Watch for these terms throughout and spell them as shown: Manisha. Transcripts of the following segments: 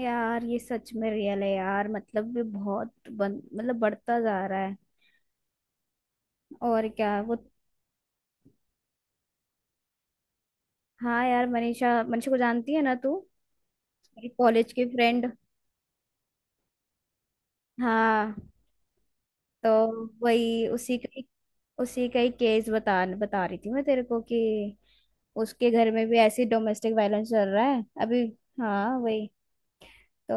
यार ये सच में रियल है यार। मतलब ये बहुत मतलब बढ़ता जा रहा है। और क्या वो। हाँ यार, मनीषा मनीषा को जानती है ना तू। मेरी कॉलेज की फ्रेंड। हाँ। तो वही उसी का ही केस बता बता रही थी मैं तेरे को कि उसके घर में भी ऐसी डोमेस्टिक वायलेंस चल रहा है अभी। हाँ वही। तो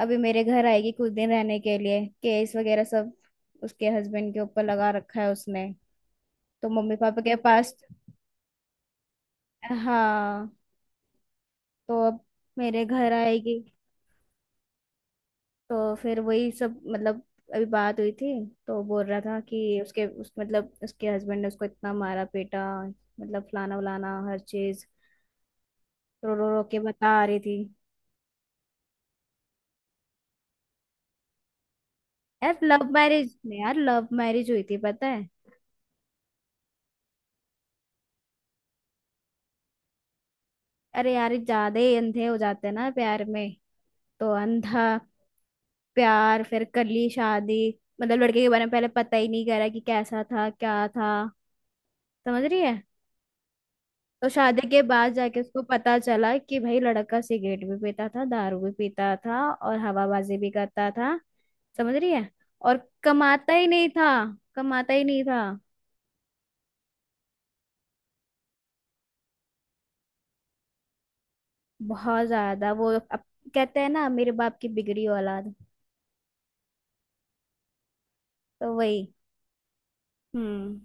अभी मेरे घर आएगी कुछ दिन रहने के लिए, केस वगैरह सब उसके हस्बैंड के ऊपर लगा रखा है उसने। तो मम्मी पापा के पास। हाँ। तो अब मेरे घर आएगी। तो फिर वही सब मतलब अभी बात हुई थी। तो बोल रहा था कि उसके उस मतलब उसके हस्बैंड ने उसको इतना मारा पीटा, मतलब फलाना वलाना हर चीज। रो रो रो के बता रही थी। यार लव मैरिज में, यार लव मैरिज हुई थी पता है। अरे यार ये ज्यादा ही अंधे हो जाते हैं ना प्यार में। तो अंधा प्यार, फिर कर ली शादी। मतलब लड़के के बारे में पहले पता ही नहीं करा कि कैसा था क्या था। समझ रही है। तो शादी के बाद जाके उसको पता चला कि भाई लड़का सिगरेट भी पीता था, दारू भी पीता था, और हवाबाजी भी करता था। समझ रही है। और कमाता ही नहीं था। कमाता ही नहीं था। बहुत ज्यादा वो अब। कहते हैं ना, मेरे बाप की बिगड़ी औलाद। तो वही। हम्म।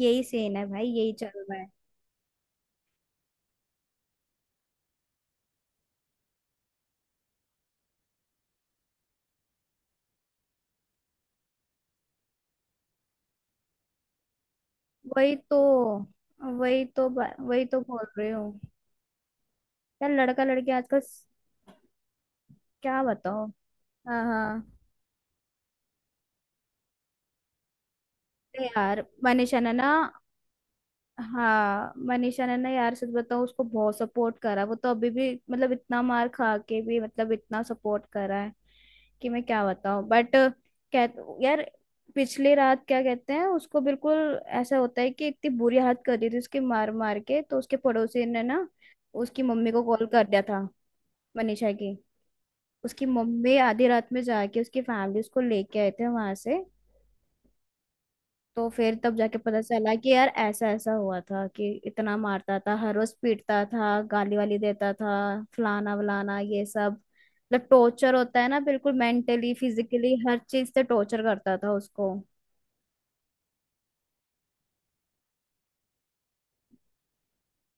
यही सीन है भाई, यही चल रहा है। वही तो वही तो बोल रही हूँ। यार लड़का लड़की आजकल क्या बताओ। हाँ हाँ। अरे यार, मनीषा ने ना। हाँ, मनीषा ने ना यार, सच बताऊँ, उसको बहुत सपोर्ट करा वो तो, अभी भी मतलब इतना मार खा के भी, मतलब इतना सपोर्ट करा है कि मैं क्या बताऊँ, बट कह यार। पिछली रात क्या कहते हैं उसको, बिल्कुल ऐसा होता है कि इतनी बुरी हालत कर दी थी उसकी मार मार के तो उसके पड़ोसी ने ना उसकी मम्मी को कॉल कर दिया था। मनीषा की। उसकी मम्मी आधी रात में जाके, उसकी फैमिली उसको लेके आए थे वहां से। तो फिर तब जाके पता चला कि यार ऐसा ऐसा हुआ था कि इतना मारता था, हर रोज पीटता था, गाली वाली देता था, फलाना वलाना ये सब। मतलब टॉर्चर होता है ना, बिल्कुल मेंटली फिजिकली हर चीज से टॉर्चर करता था उसको।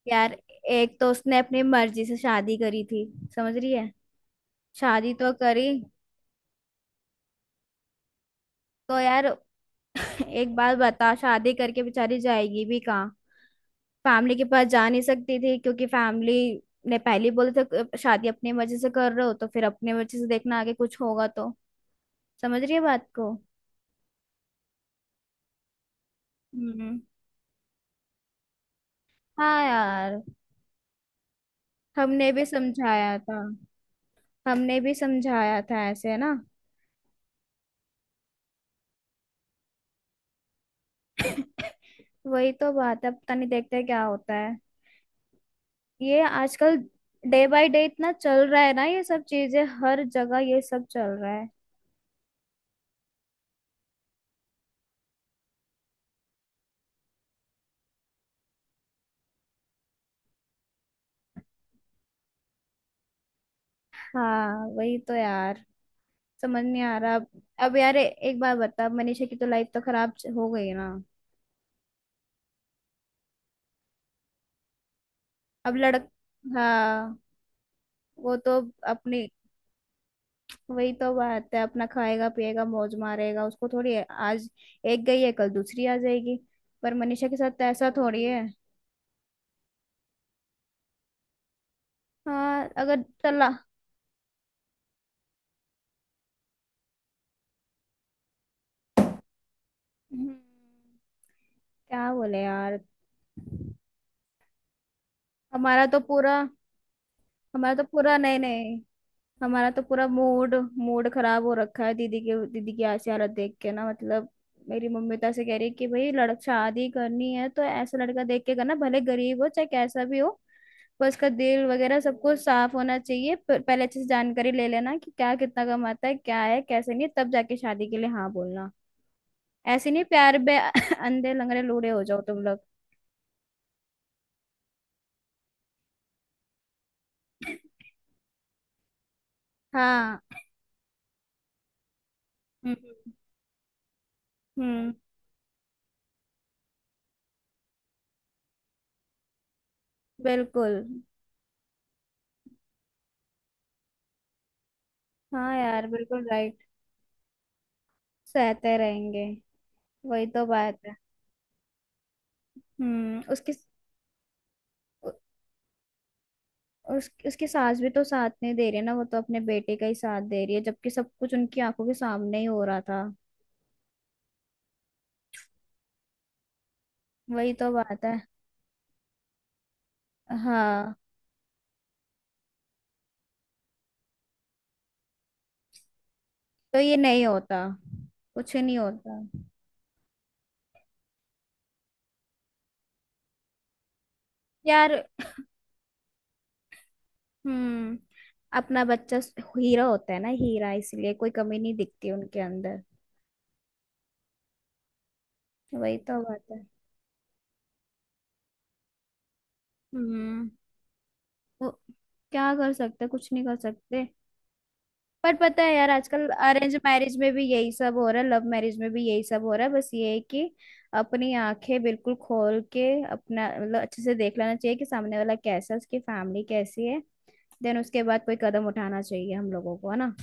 यार एक तो उसने अपनी मर्जी से शादी करी थी। समझ रही है। शादी तो करी। तो यार एक बात बता, शादी करके बेचारी जाएगी भी कहाँ। फैमिली के पास जा नहीं सकती थी क्योंकि फैमिली ने पहले ही बोला था, शादी अपने मर्जी से कर रहे हो तो फिर अपने मर्जी से देखना, आगे कुछ होगा तो"। समझ रही है बात को। हम्म। हाँ यार, हमने भी समझाया था। हमने भी समझाया था, ऐसे है ना। वही तो बात है, पता नहीं देखते क्या होता है। ये आजकल डे बाय डे इतना चल रहा है ना, ये सब चीजें हर जगह ये सब चल रहा है। हाँ वही तो यार, समझ नहीं आ रहा अब। अब यार एक बार बता, मनीषा की तो लाइफ तो खराब हो गई ना। अब लड़क हाँ वो तो अपनी। वही तो बात है, अपना खाएगा पिएगा मौज मारेगा, उसको थोड़ी है, आज एक गई है कल दूसरी आ जाएगी। पर मनीषा के साथ तो ऐसा थोड़ी है। हाँ अगर चला। हम्म, क्या बोले यार। हमारा तो पूरा नहीं नहीं हमारा तो पूरा मूड मूड खराब हो रखा है, दीदी की ऐसी हालत देख के ना मतलब। मेरी मम्मी तो ऐसे कह रही है कि भाई लड़क शादी करनी है तो ऐसा लड़का देख के करना, भले गरीब हो चाहे कैसा भी हो। पर उसका दिल वगैरह सब कुछ साफ होना चाहिए, पहले अच्छे से जानकारी ले लेना कि क्या कितना कमाता है, क्या है कैसे नहीं है, तब जाके शादी के लिए हाँ बोलना। ऐसे नहीं, प्यार में अंधे लंगड़े लूढ़े हो जाओ तुम लोग। हाँ। हम्म हम्म। बिल्कुल। हाँ यार बिल्कुल राइट। सहते रहेंगे। वही तो बात है। उसकी उसकी सास भी तो साथ नहीं दे रही है ना, वो तो अपने बेटे का ही साथ दे रही है जबकि सब कुछ उनकी आंखों के सामने ही हो रहा था। वही तो बात है। हाँ। तो ये नहीं होता, कुछ नहीं होता। यार। हम्म। अपना बच्चा हीरा होता है ना, हीरा, इसलिए कोई कमी नहीं दिखती उनके अंदर। वही तो बात है। हम्म। वो क्या कर सकते, कुछ नहीं कर सकते। पर पता है यार, आजकल अरेंज मैरिज में भी यही सब हो रहा है, लव मैरिज में भी यही सब हो रहा है। बस ये है कि अपनी आंखें बिल्कुल खोल के अपना मतलब अच्छे से देख लेना चाहिए कि सामने वाला कैसा है, उसकी फैमिली कैसी है। देन उसके बाद कोई कदम उठाना चाहिए हम लोगों को, है ना।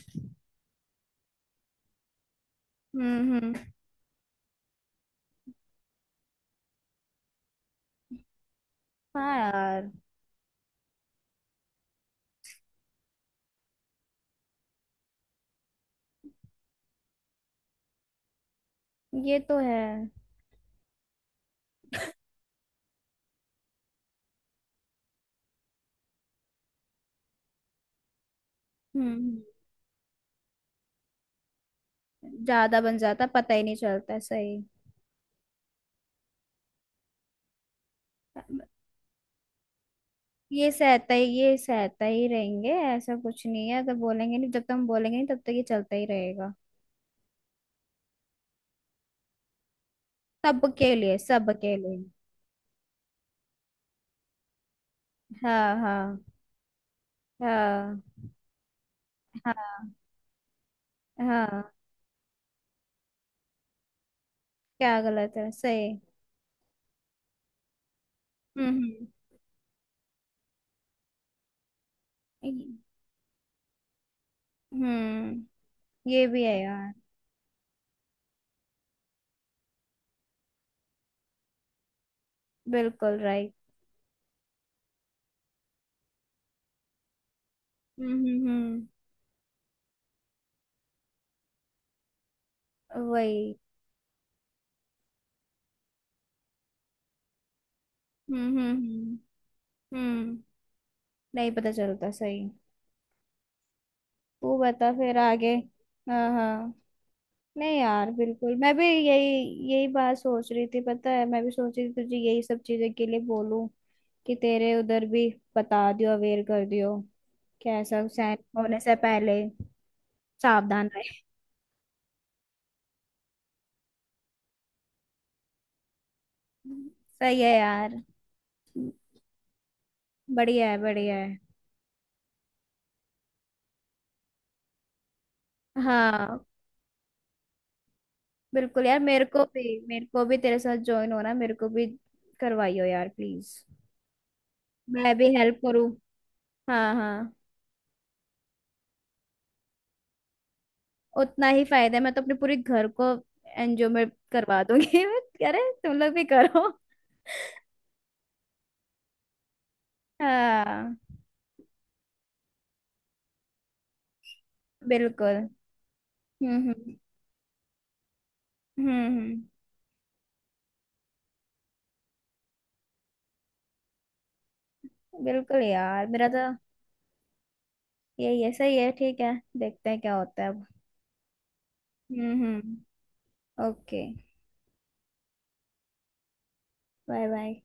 हम्म। हाँ यार। ये तो है। हम्म। ज्यादा बन जाता, पता ही नहीं चलता है, सही। ये सहता ही रहेंगे, ऐसा कुछ नहीं है, अगर बोलेंगे नहीं, जब तक हम बोलेंगे नहीं तब तक ये चलता ही रहेगा। सबके लिए, सबके लिए। हाँ हाँ। हाँ। हाँ हाँ। क्या गलत है, सही। हम्म। ये- हम्म। ये भी है यार। बिल्कुल राइट। हम्म हम्म वही। हम्म। हम्म, नहीं पता चलता, सही। तू बता फिर आगे। हाँ हाँ। नहीं यार बिल्कुल, मैं भी यही, यही बात सोच रही थी, पता है मैं भी सोच रही थी तुझे यही सब चीजें के लिए बोलूं कि तेरे उधर भी बता दियो, अवेयर कर दियो, कैसा सैन होने से पहले सावधान। सही है यार। बढ़िया है बढ़िया है। हाँ। बिल्कुल यार, मेरे को भी तेरे साथ ज्वाइन होना है, मेरे को भी करवाइयो यार प्लीज। मैं भी हेल्प करूँ। हाँ हाँ। उतना ही फायदा है, मैं तो अपने पूरे घर को एनजीओ में करवा दूंगी अरे तुम लोग भी करो। हाँ। बिल्कुल। हम्म। हम्म हम्म, बिल्कुल यार मेरा तो यही है, सही है ठीक है। देखते हैं क्या होता है अब। हम्म। ओके। Bye bye.